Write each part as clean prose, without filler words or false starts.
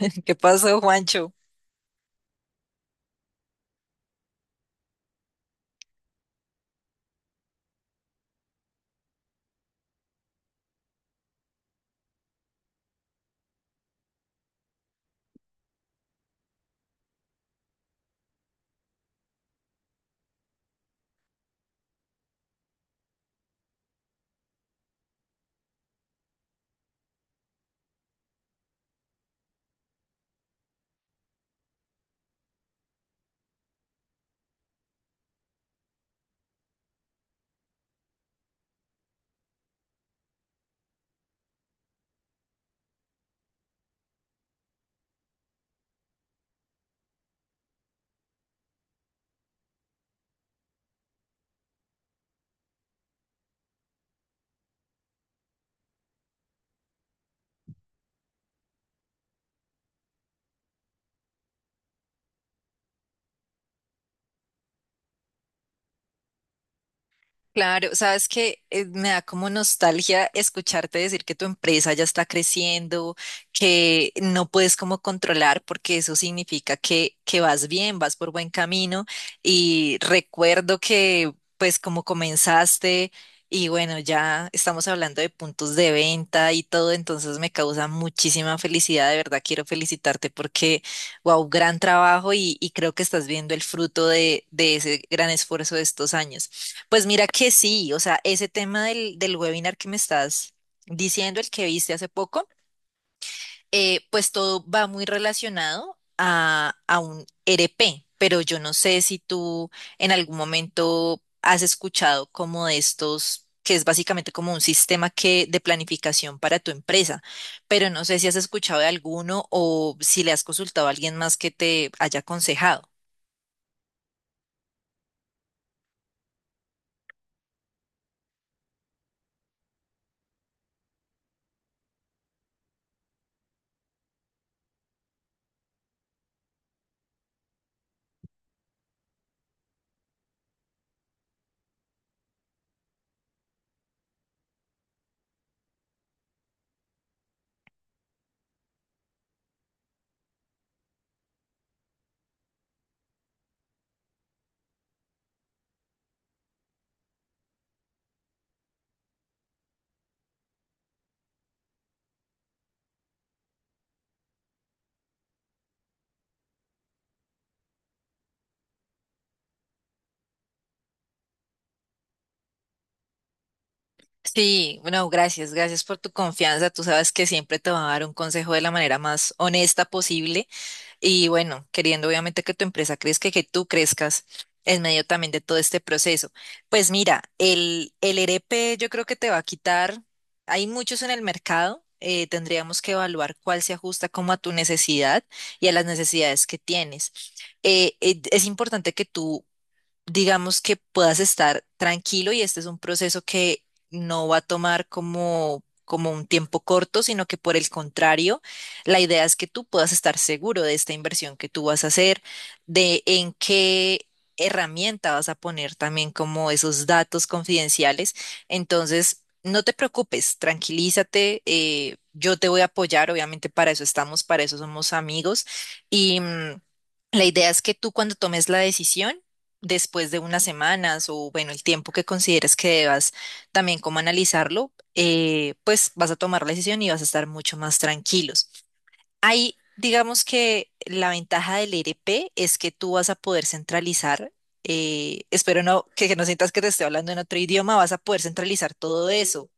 ¿Qué pasó, Juancho? Claro, sabes que me da como nostalgia escucharte decir que tu empresa ya está creciendo, que no puedes como controlar, porque eso significa que vas bien, vas por buen camino. Y recuerdo que pues como comenzaste y bueno, ya estamos hablando de puntos de venta y todo, entonces me causa muchísima felicidad, de verdad quiero felicitarte porque, wow, gran trabajo y creo que estás viendo el fruto de ese gran esfuerzo de estos años. Pues mira que sí, o sea, ese tema del webinar que me estás diciendo, el que viste hace poco, pues todo va muy relacionado a un RP, pero yo no sé si tú en algún momento has escuchado como de estos, que es básicamente como un sistema que, de planificación para tu empresa, pero no sé si has escuchado de alguno o si le has consultado a alguien más que te haya aconsejado. Sí, bueno, gracias, gracias por tu confianza. Tú sabes que siempre te va a dar un consejo de la manera más honesta posible y bueno, queriendo obviamente que tu empresa crezca y que tú crezcas en medio también de todo este proceso. Pues mira, el ERP yo creo que te va a quitar, hay muchos en el mercado, tendríamos que evaluar cuál se ajusta como a tu necesidad y a las necesidades que tienes. Es importante que tú digamos que puedas estar tranquilo y este es un proceso que no va a tomar como un tiempo corto, sino que por el contrario, la idea es que tú puedas estar seguro de esta inversión que tú vas a hacer, de en qué herramienta vas a poner también como esos datos confidenciales. Entonces, no te preocupes, tranquilízate. Yo te voy a apoyar, obviamente para eso estamos, para eso somos amigos. Y, la idea es que tú cuando tomes la decisión, después de unas semanas o bueno, el tiempo que consideres que debas también como analizarlo, pues vas a tomar la decisión y vas a estar mucho más tranquilos. Ahí, digamos que la ventaja del ERP es que tú vas a poder centralizar, espero no que no sientas que te estoy hablando en otro idioma, vas a poder centralizar todo eso.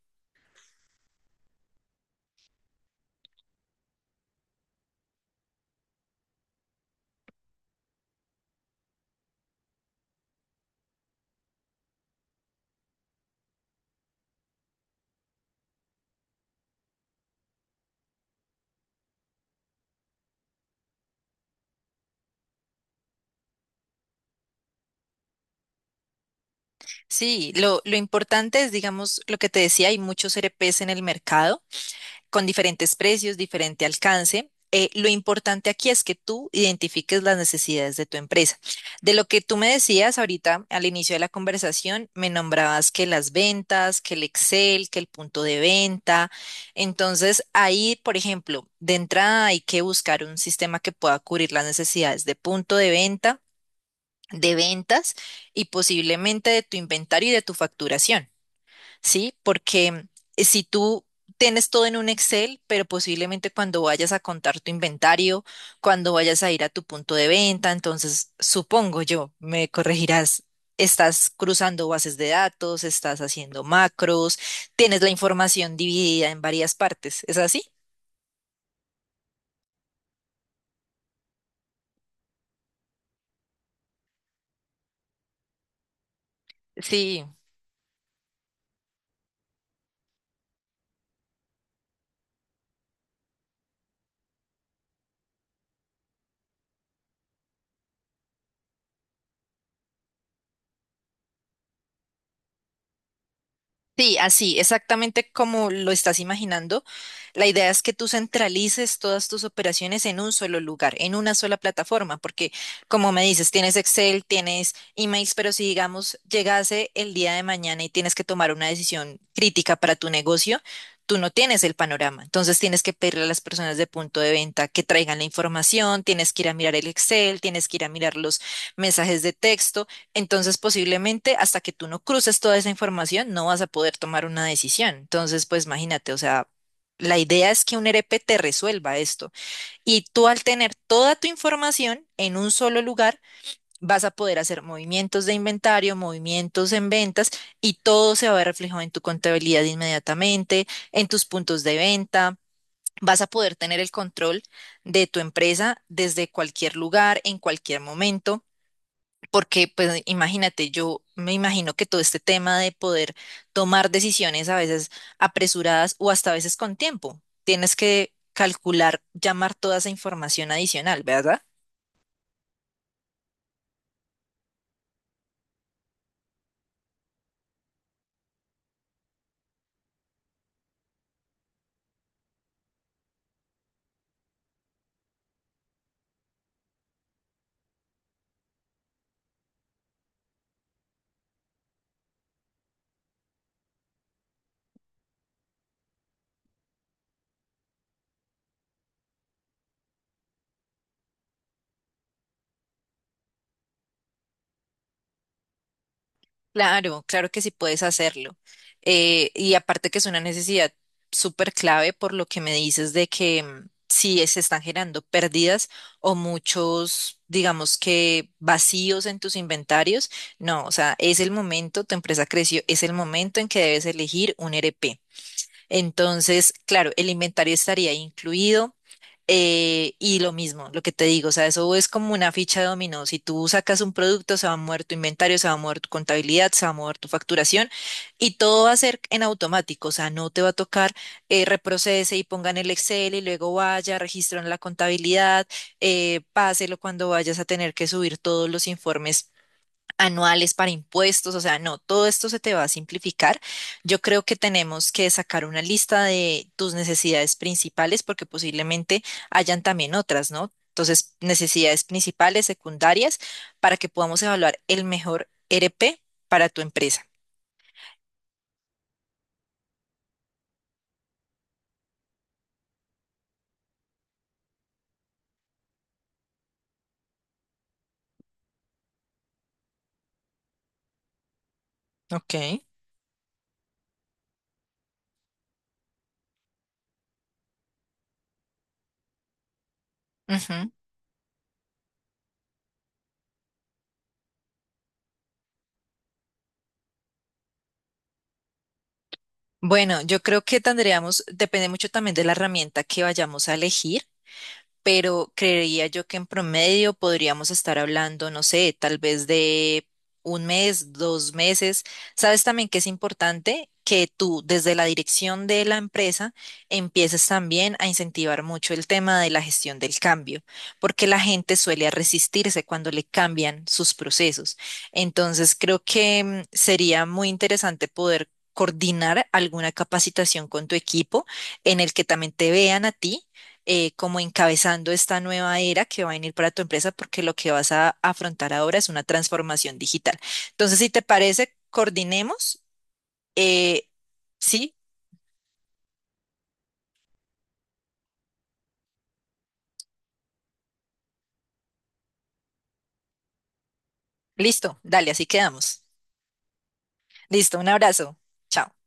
Sí, lo importante es, digamos, lo que te decía, hay muchos ERPs en el mercado con diferentes precios, diferente alcance. Lo importante aquí es que tú identifiques las necesidades de tu empresa. De lo que tú me decías ahorita al inicio de la conversación, me nombrabas que las ventas, que el Excel, que el punto de venta. Entonces, ahí, por ejemplo, de entrada hay que buscar un sistema que pueda cubrir las necesidades de punto de venta, de ventas y posiblemente de tu inventario y de tu facturación. ¿Sí? Porque si tú tienes todo en un Excel, pero posiblemente cuando vayas a contar tu inventario, cuando vayas a ir a tu punto de venta, entonces supongo yo, me corregirás. Estás cruzando bases de datos, estás haciendo macros, tienes la información dividida en varias partes. ¿Es así? Sí. Sí, así, exactamente como lo estás imaginando. La idea es que tú centralices todas tus operaciones en un solo lugar, en una sola plataforma, porque como me dices, tienes Excel, tienes emails, pero si digamos llegase el día de mañana y tienes que tomar una decisión crítica para tu negocio, tú no tienes el panorama. Entonces tienes que pedirle a las personas de punto de venta que traigan la información, tienes que ir a mirar el Excel, tienes que ir a mirar los mensajes de texto. Entonces, posiblemente hasta que tú no cruces toda esa información, no vas a poder tomar una decisión. Entonces, pues imagínate, o sea, la idea es que un ERP te resuelva esto. Y tú al tener toda tu información en un solo lugar, vas a poder hacer movimientos de inventario, movimientos en ventas y todo se va a ver reflejado en tu contabilidad inmediatamente, en tus puntos de venta. Vas a poder tener el control de tu empresa desde cualquier lugar, en cualquier momento. Porque, pues, imagínate, yo me imagino que todo este tema de poder tomar decisiones a veces apresuradas o hasta a veces con tiempo, tienes que calcular, llamar toda esa información adicional, ¿verdad? Claro, claro que sí puedes hacerlo. Y aparte que es una necesidad súper clave por lo que me dices de que si se están generando pérdidas o muchos, digamos que vacíos en tus inventarios, no, o sea, es el momento, tu empresa creció, es el momento en que debes elegir un ERP. Entonces, claro, el inventario estaría incluido. Y lo mismo, lo que te digo, o sea, eso es como una ficha de dominó. Si tú sacas un producto, se va a mover tu inventario, se va a mover tu contabilidad, se va a mover tu facturación y todo va a ser en automático, o sea, no te va a tocar reprocese y pongan el Excel y luego vaya, registro en la contabilidad, páselo cuando vayas a tener que subir todos los informes anuales para impuestos, o sea, no, todo esto se te va a simplificar. Yo creo que tenemos que sacar una lista de tus necesidades principales porque posiblemente hayan también otras, ¿no? Entonces, necesidades principales, secundarias, para que podamos evaluar el mejor RP para tu empresa. Ok. Ujú. Bueno, yo creo que tendríamos, depende mucho también de la herramienta que vayamos a elegir. Pero creería yo que en promedio podríamos estar hablando, no sé, tal vez de un mes, dos meses. Sabes también que es importante que tú desde la dirección de la empresa empieces también a incentivar mucho el tema de la gestión del cambio, porque la gente suele resistirse cuando le cambian sus procesos. Entonces, creo que sería muy interesante poder coordinar alguna capacitación con tu equipo en el que también te vean a ti como encabezando esta nueva era que va a venir para tu empresa porque lo que vas a afrontar ahora es una transformación digital. Entonces, si te parece, coordinemos. eh, sí, Listo, dale, así quedamos. Listo, un abrazo. Chao.